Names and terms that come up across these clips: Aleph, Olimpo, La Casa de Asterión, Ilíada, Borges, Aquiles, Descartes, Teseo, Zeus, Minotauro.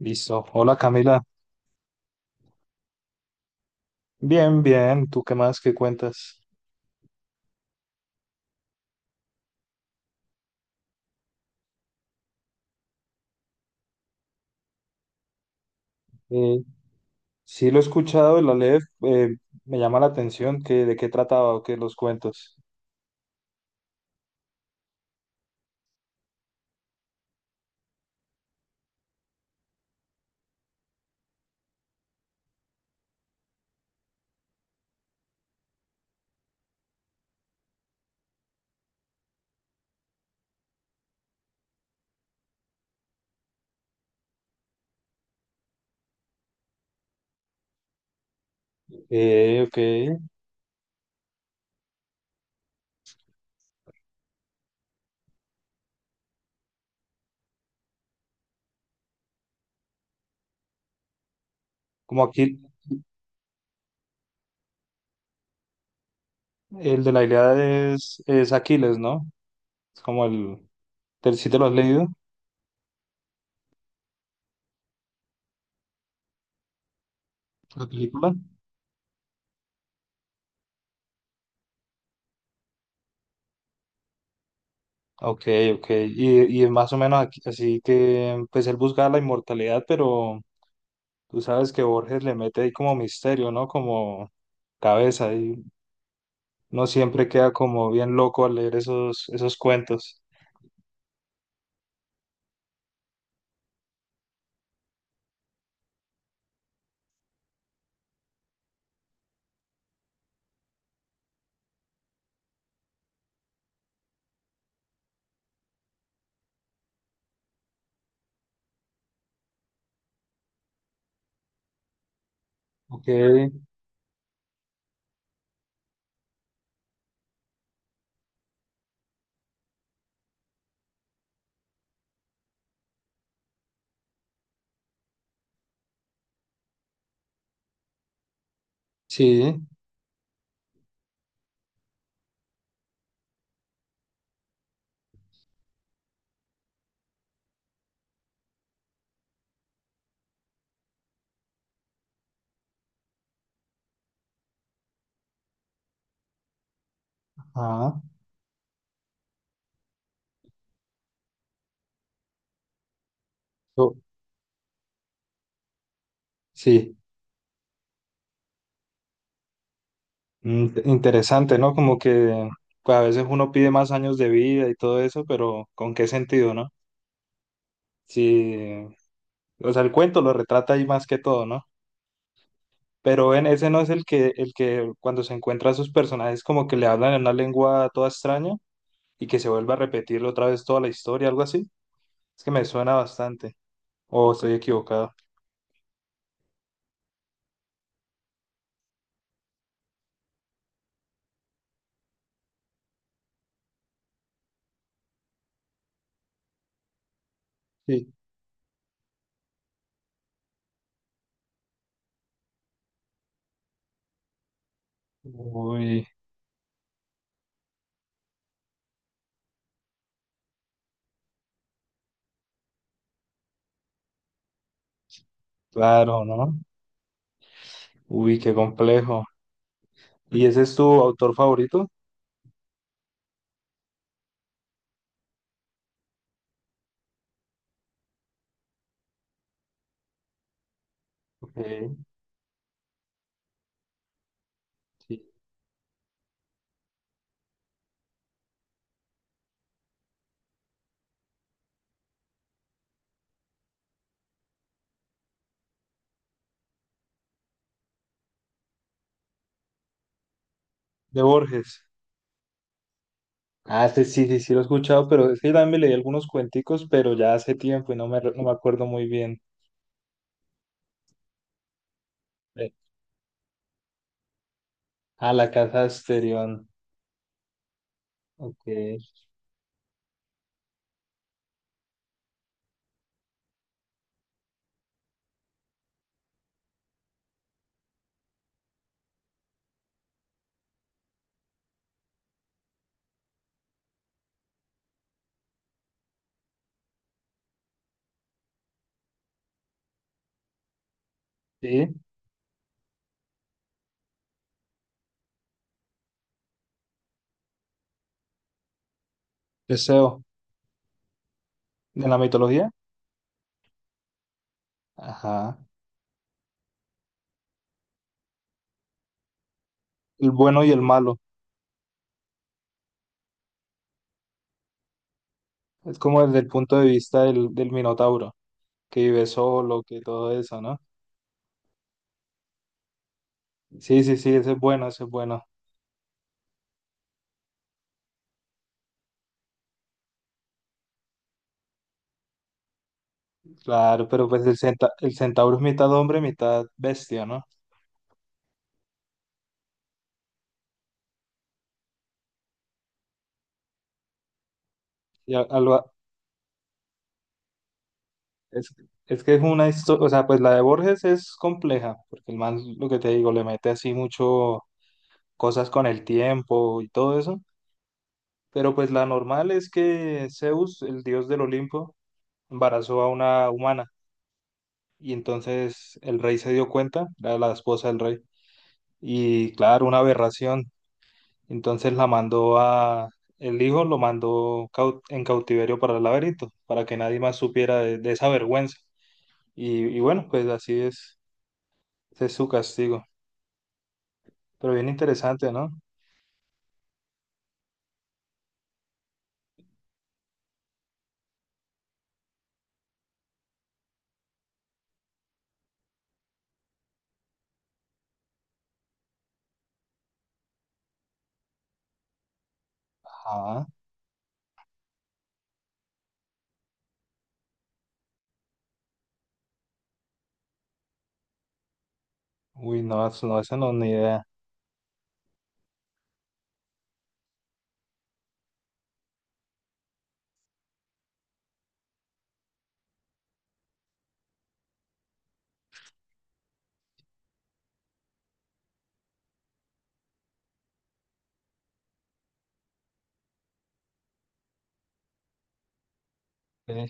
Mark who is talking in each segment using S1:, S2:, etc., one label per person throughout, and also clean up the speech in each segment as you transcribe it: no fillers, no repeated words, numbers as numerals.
S1: Listo. Hola Camila. Bien, bien. ¿Tú qué más? ¿Qué cuentas? Eh, sí, lo he escuchado, el Aleph. Me llama la atención que, ¿de qué trataba o qué los cuentos? Ok. Como aquí, el de la Ilíada es Aquiles, ¿no? Es como el... sí te lo has leído? ¿La película? Ok, ok. Y, más o menos así que, pues él busca la inmortalidad, pero tú sabes que Borges le mete ahí como misterio, ¿no? Como cabeza. No siempre queda como bien loco al leer esos cuentos. Ok, sí, ah, so- sí. Mm, interesante, ¿no? Como que pues, a veces uno pide más años de vida y todo eso, pero ¿con qué sentido, no? Sí, o sea, el cuento lo retrata ahí más que todo, ¿no? Pero en ese no es el que, cuando se encuentra a sus personajes, como que le hablan en una lengua toda extraña y que se vuelve a repetir otra vez toda la historia, algo así. Es que me suena bastante. O estoy equivocado. Sí. Uy. Claro, ¿no? Uy, qué complejo. ¿Y ese es tu autor favorito? Ok, sí. De Borges. Ah, sí, sí, sí, sí lo he escuchado, pero es que también me leí algunos cuenticos, pero ya hace tiempo y no me acuerdo muy bien. Eh, Ah, La Casa de Asterión. Ok, sí. Teseo. ¿De la mitología? Ajá. El bueno y el malo. Es como desde el punto de vista del Minotauro, que vive solo, que todo eso, ¿no? Sí, sí, sí, ese es bueno, ese es bueno. Claro, pero pues el centauro es mitad hombre, mitad bestia, ¿no? Y a- algo- a- es, es que es una historia, o sea, pues la de Borges es compleja, porque el man, lo que te digo, le mete así mucho cosas con el tiempo y todo eso, pero pues la normal es que Zeus, el dios del Olimpo, embarazó a una humana y entonces el rey se dio cuenta, era la esposa del rey, y claro, una aberración. Entonces la mandó a, el hijo lo mandó en cautiverio para el laberinto, para que nadie más supiera de esa vergüenza. Y bueno, pues así es, ese es su castigo. Pero bien interesante, ¿no? Ajá. Uy, no, eso no, esa no, ni idea. Eh,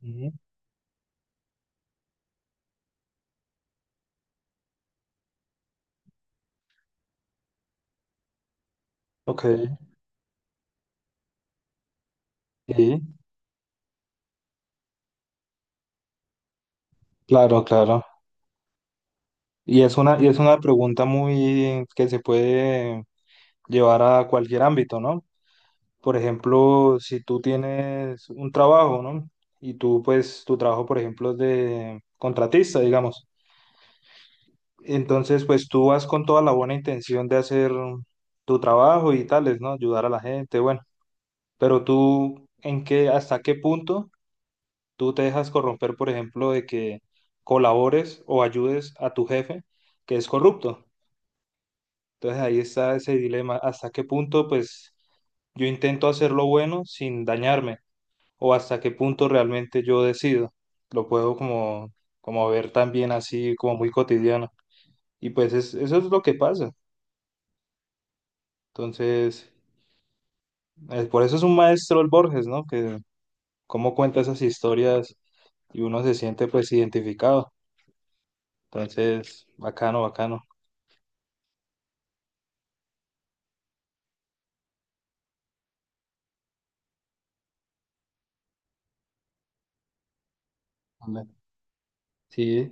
S1: ujú. Ok, sí, claro, claro. Y es una pregunta muy que se puede llevar a cualquier ámbito, ¿no? Por ejemplo, si tú tienes un trabajo, ¿no? Y tú, pues, tu trabajo, por ejemplo, es de contratista, digamos. Entonces, pues tú vas con toda la buena intención de hacer tu trabajo y tales, ¿no? Ayudar a la gente, bueno. Pero tú, ¿hasta qué punto tú te dejas corromper, por ejemplo, de que colabores o ayudes a tu jefe que es corrupto? Entonces ahí está ese dilema, hasta qué punto, pues, yo intento hacer lo bueno sin dañarme, o hasta qué punto realmente yo decido. Lo puedo como, como ver también así como muy cotidiano. Y pues eso es lo que pasa. Entonces, por eso es un maestro el Borges, ¿no? Que cómo cuenta esas historias y uno se siente pues identificado. Entonces, bacano, bacano. Hombre, sí,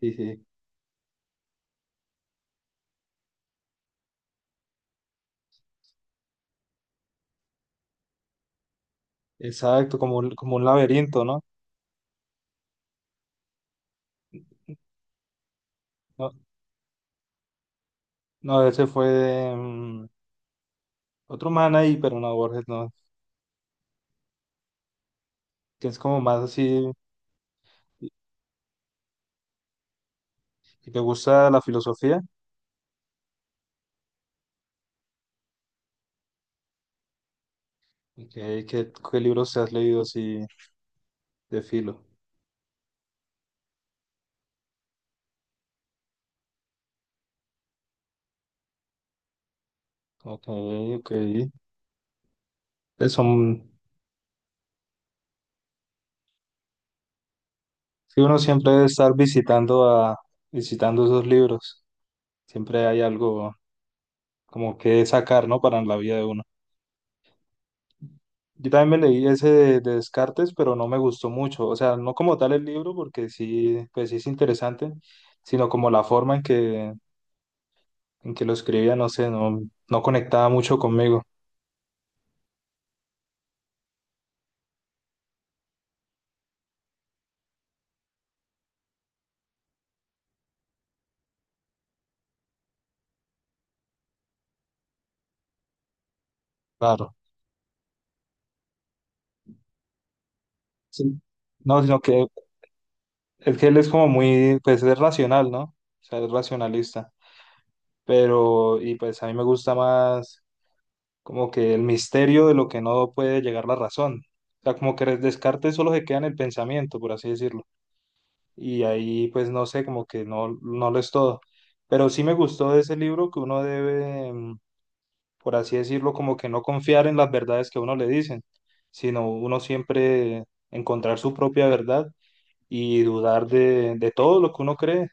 S1: sí, sí. Exacto, como un laberinto, ¿no? No, no, ese fue otro man ahí, pero no, Borges no, que es como más así, y te gusta la filosofía. Ok, qué libros te has leído así de filo? Ok, ok. Pues son, sí, uno siempre debe estar visitando a, visitando esos libros. Siempre hay algo como que sacar, ¿no? Para la vida de uno. Yo también me leí ese de Descartes, pero no me gustó mucho. O sea, no como tal el libro, porque sí, pues sí es interesante, sino como la forma en que lo escribía, no sé, no, no conectaba mucho conmigo. Claro. Sí. No, sino que es que él es como muy, pues es racional, ¿no? O sea, es racionalista. Pero, y pues a mí me gusta más como que el misterio de lo que no puede llegar la razón. O sea, como que Descartes solo se queda en el pensamiento, por así decirlo. Y ahí, pues no sé, como que no, no lo es todo. Pero sí me gustó de ese libro que uno debe, mm, por así decirlo, como que no confiar en las verdades que a uno le dicen, sino uno siempre encontrar su propia verdad y dudar de todo lo que uno cree,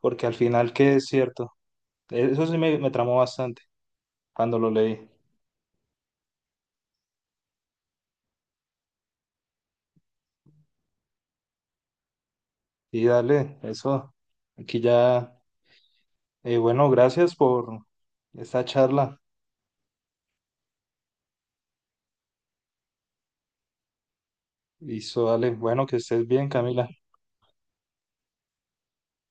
S1: porque al final que es cierto. Eso sí me tramó bastante cuando lo leí. Y dale, eso. Aquí ya, bueno, gracias por esta charla. Y eso, dale, bueno, que estés bien, Camila.